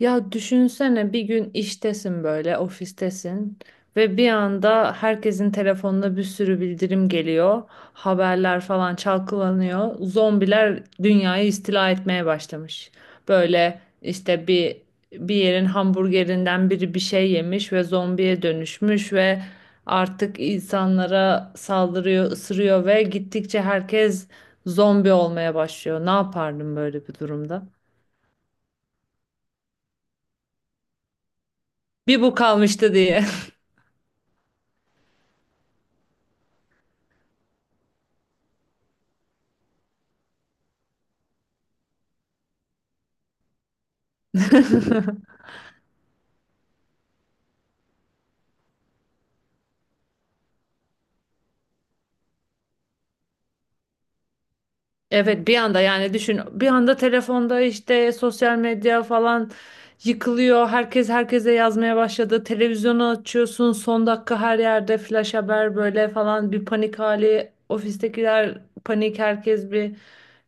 Ya düşünsene bir gün iştesin böyle ofistesin ve bir anda herkesin telefonuna bir sürü bildirim geliyor. Haberler falan çalkalanıyor. Zombiler dünyayı istila etmeye başlamış. Böyle işte bir yerin hamburgerinden biri bir şey yemiş ve zombiye dönüşmüş ve artık insanlara saldırıyor, ısırıyor ve gittikçe herkes zombi olmaya başlıyor. Ne yapardım böyle bir durumda? Bir bu kalmıştı diye. Evet, bir anda yani düşün bir anda telefonda işte sosyal medya falan yıkılıyor. Herkes herkese yazmaya başladı. Televizyonu açıyorsun son dakika her yerde flash haber böyle falan bir panik hali. Ofistekiler panik herkes bir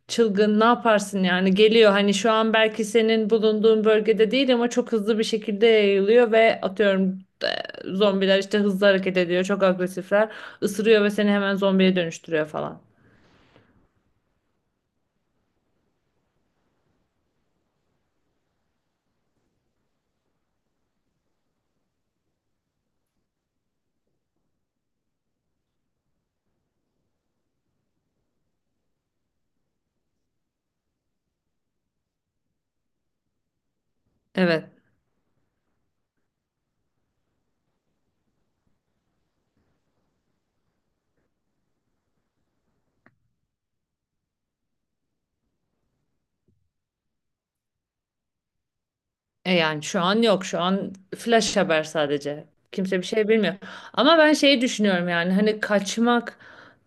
çılgın ne yaparsın yani geliyor hani şu an belki senin bulunduğun bölgede değil ama çok hızlı bir şekilde yayılıyor ve atıyorum zombiler işte hızlı hareket ediyor çok agresifler ısırıyor ve seni hemen zombiye dönüştürüyor falan. Evet. E yani şu an yok. Şu an flash haber sadece. Kimse bir şey bilmiyor. Ama ben şeyi düşünüyorum yani hani kaçmak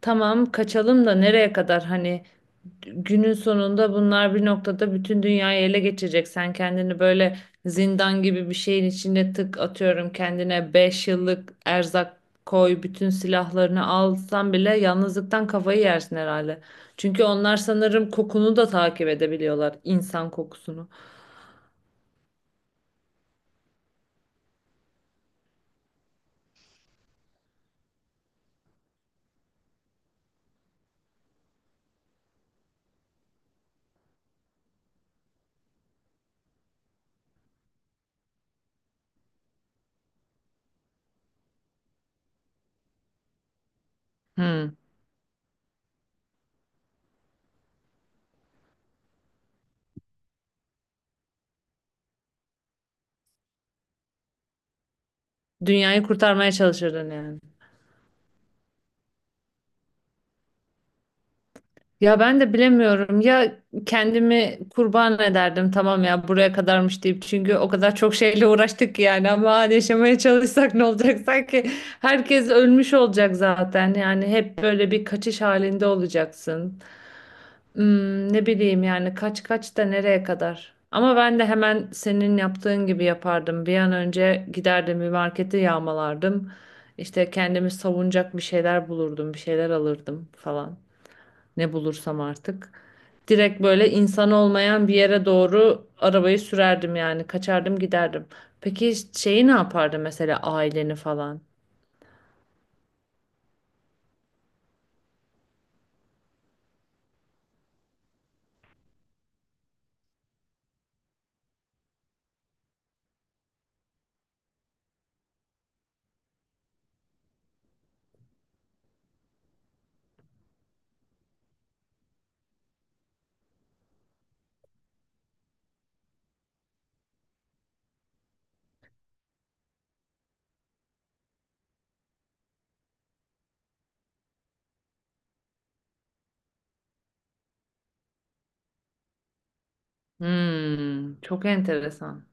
tamam kaçalım da nereye kadar hani günün sonunda bunlar bir noktada bütün dünyayı ele geçirecek. Sen kendini böyle zindan gibi bir şeyin içine tık atıyorum kendine 5 yıllık erzak koy bütün silahlarını alsan bile yalnızlıktan kafayı yersin herhalde. Çünkü onlar sanırım kokunu da takip edebiliyorlar, insan kokusunu. Hmm. Dünyayı kurtarmaya çalışırdın yani. Ya ben de bilemiyorum. Ya kendimi kurban ederdim tamam ya buraya kadarmış deyip. Çünkü o kadar çok şeyle uğraştık ki yani ama hani yaşamaya çalışsak ne olacak? Sanki herkes ölmüş olacak zaten. Yani hep böyle bir kaçış halinde olacaksın. Hmm, ne bileyim yani kaç kaç da nereye kadar? Ama ben de hemen senin yaptığın gibi yapardım. Bir an önce giderdim bir marketi yağmalardım. İşte kendimi savunacak bir şeyler bulurdum, bir şeyler alırdım falan. Ne bulursam artık. Direkt böyle insan olmayan bir yere doğru arabayı sürerdim yani kaçardım giderdim. Peki şeyi ne yapardı mesela aileni falan? Hmm, çok enteresan.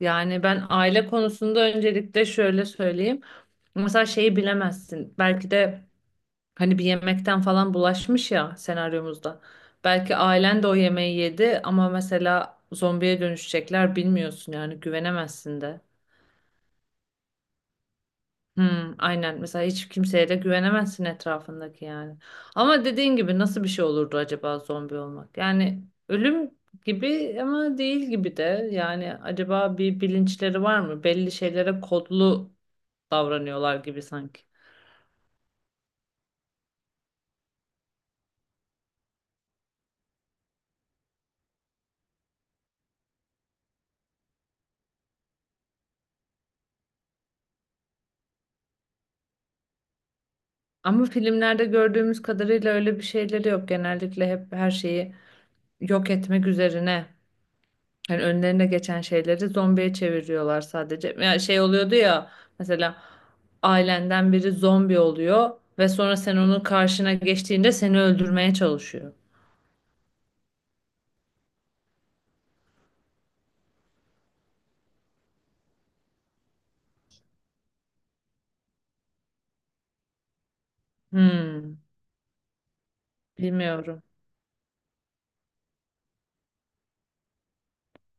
Yani ben aile konusunda öncelikle şöyle söyleyeyim. Mesela şeyi bilemezsin. Belki de hani bir yemekten falan bulaşmış ya senaryomuzda. Belki ailen de o yemeği yedi ama mesela zombiye dönüşecekler bilmiyorsun yani güvenemezsin de. Hmm, aynen mesela hiç kimseye de güvenemezsin etrafındaki yani. Ama dediğin gibi nasıl bir şey olurdu acaba zombi olmak? Yani ölüm gibi ama değil gibi de yani acaba bir bilinçleri var mı? Belli şeylere kodlu davranıyorlar gibi sanki. Ama filmlerde gördüğümüz kadarıyla öyle bir şeyleri yok. Genellikle hep her şeyi yok etmek üzerine yani önlerine geçen şeyleri zombiye çeviriyorlar sadece. Yani şey oluyordu ya mesela ailenden biri zombi oluyor ve sonra sen onun karşına geçtiğinde seni öldürmeye çalışıyor. Hmm, bilmiyorum.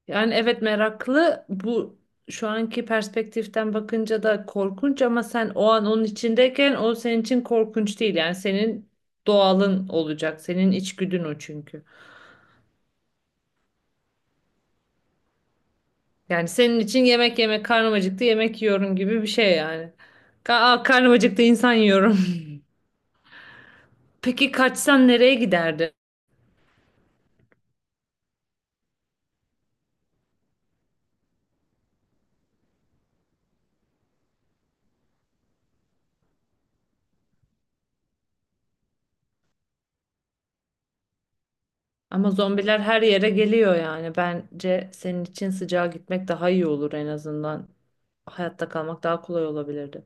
Yani evet meraklı bu şu anki perspektiften bakınca da korkunç ama sen o an onun içindeyken o senin için korkunç değil. Yani senin doğalın olacak. Senin içgüdün o çünkü. Yani senin için yemek yemek karnım acıktı yemek yiyorum gibi bir şey yani. Karnım acıktı insan yiyorum. Peki kaçsan nereye giderdin? Ama zombiler her yere geliyor yani. Bence senin için sıcağa gitmek daha iyi olur en azından. Hayatta kalmak daha kolay olabilirdi.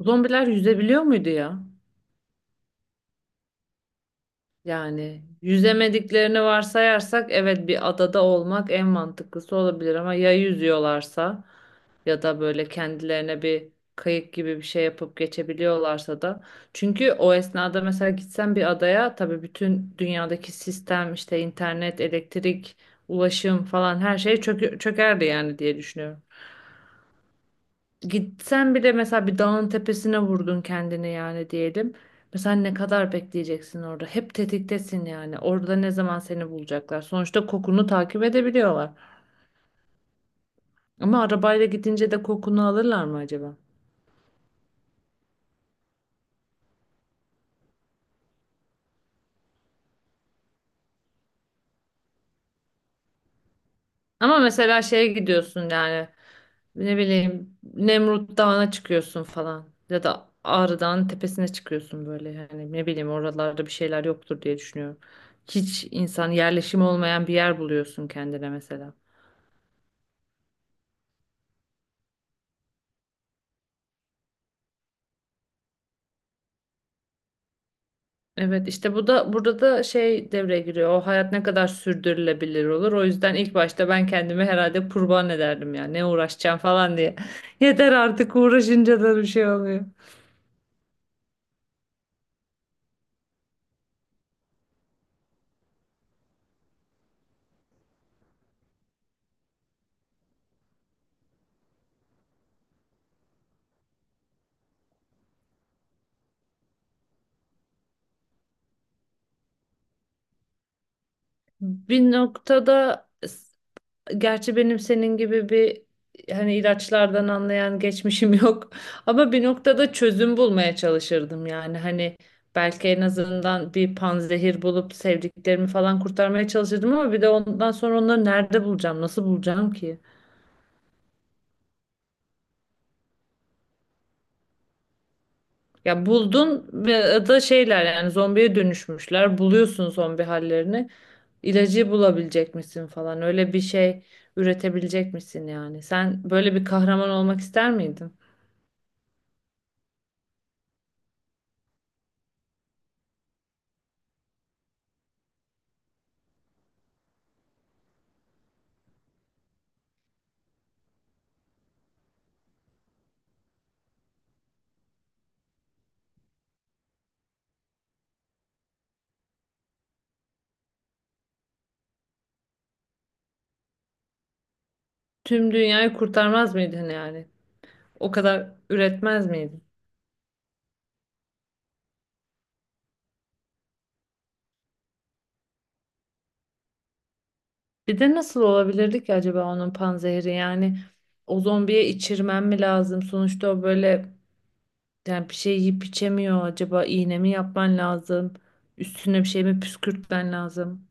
Zombiler yüzebiliyor muydu ya? Yani yüzemediklerini varsayarsak evet bir adada olmak en mantıklısı olabilir ama ya yüzüyorlarsa ya da böyle kendilerine bir kayık gibi bir şey yapıp geçebiliyorlarsa da çünkü o esnada mesela gitsen bir adaya tabii bütün dünyadaki sistem işte internet, elektrik, ulaşım falan her şey çökerdi yani diye düşünüyorum. Gitsen bile mesela bir dağın tepesine vurdun kendini yani diyelim. Mesela ne kadar bekleyeceksin orada? Hep tetiktesin yani. Orada ne zaman seni bulacaklar? Sonuçta kokunu takip edebiliyorlar. Ama arabayla gidince de kokunu alırlar mı acaba? Ama mesela şeye gidiyorsun yani ne bileyim Nemrut Dağı'na çıkıyorsun falan. Ya da Ağrı Dağı'nın tepesine çıkıyorsun böyle. Yani ne bileyim oralarda bir şeyler yoktur diye düşünüyorum. Hiç insan yerleşimi olmayan bir yer buluyorsun kendine mesela. Evet işte bu da burada da şey devreye giriyor. O hayat ne kadar sürdürülebilir olur. O yüzden ilk başta ben kendimi herhalde kurban ederdim ya. Ne uğraşacağım falan diye. Yeter artık uğraşınca da bir şey oluyor. Bir noktada gerçi benim senin gibi bir hani ilaçlardan anlayan geçmişim yok. Ama bir noktada çözüm bulmaya çalışırdım yani. Hani belki en azından bir panzehir bulup sevdiklerimi falan kurtarmaya çalışırdım ama bir de ondan sonra onları nerede bulacağım, nasıl bulacağım ki? Ya buldun ve da şeyler yani zombiye dönüşmüşler. Buluyorsun zombi hallerini. İlacı bulabilecek misin falan. Öyle bir şey üretebilecek misin yani? Sen böyle bir kahraman olmak ister miydin? Tüm dünyayı kurtarmaz mıydın yani? O kadar üretmez miydin? Bir de nasıl olabilirdi ki acaba onun panzehri? Yani o zombiye içirmen mi lazım? Sonuçta o böyle yani bir şey yiyip içemiyor. Acaba iğne mi yapman lazım? Üstüne bir şey mi püskürtmen lazım?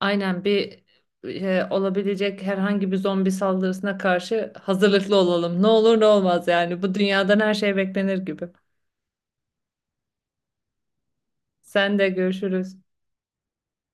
Aynen bir olabilecek herhangi bir zombi saldırısına karşı hazırlıklı olalım. Ne olur ne olmaz yani. Bu dünyadan her şey beklenir gibi. Sen de görüşürüz.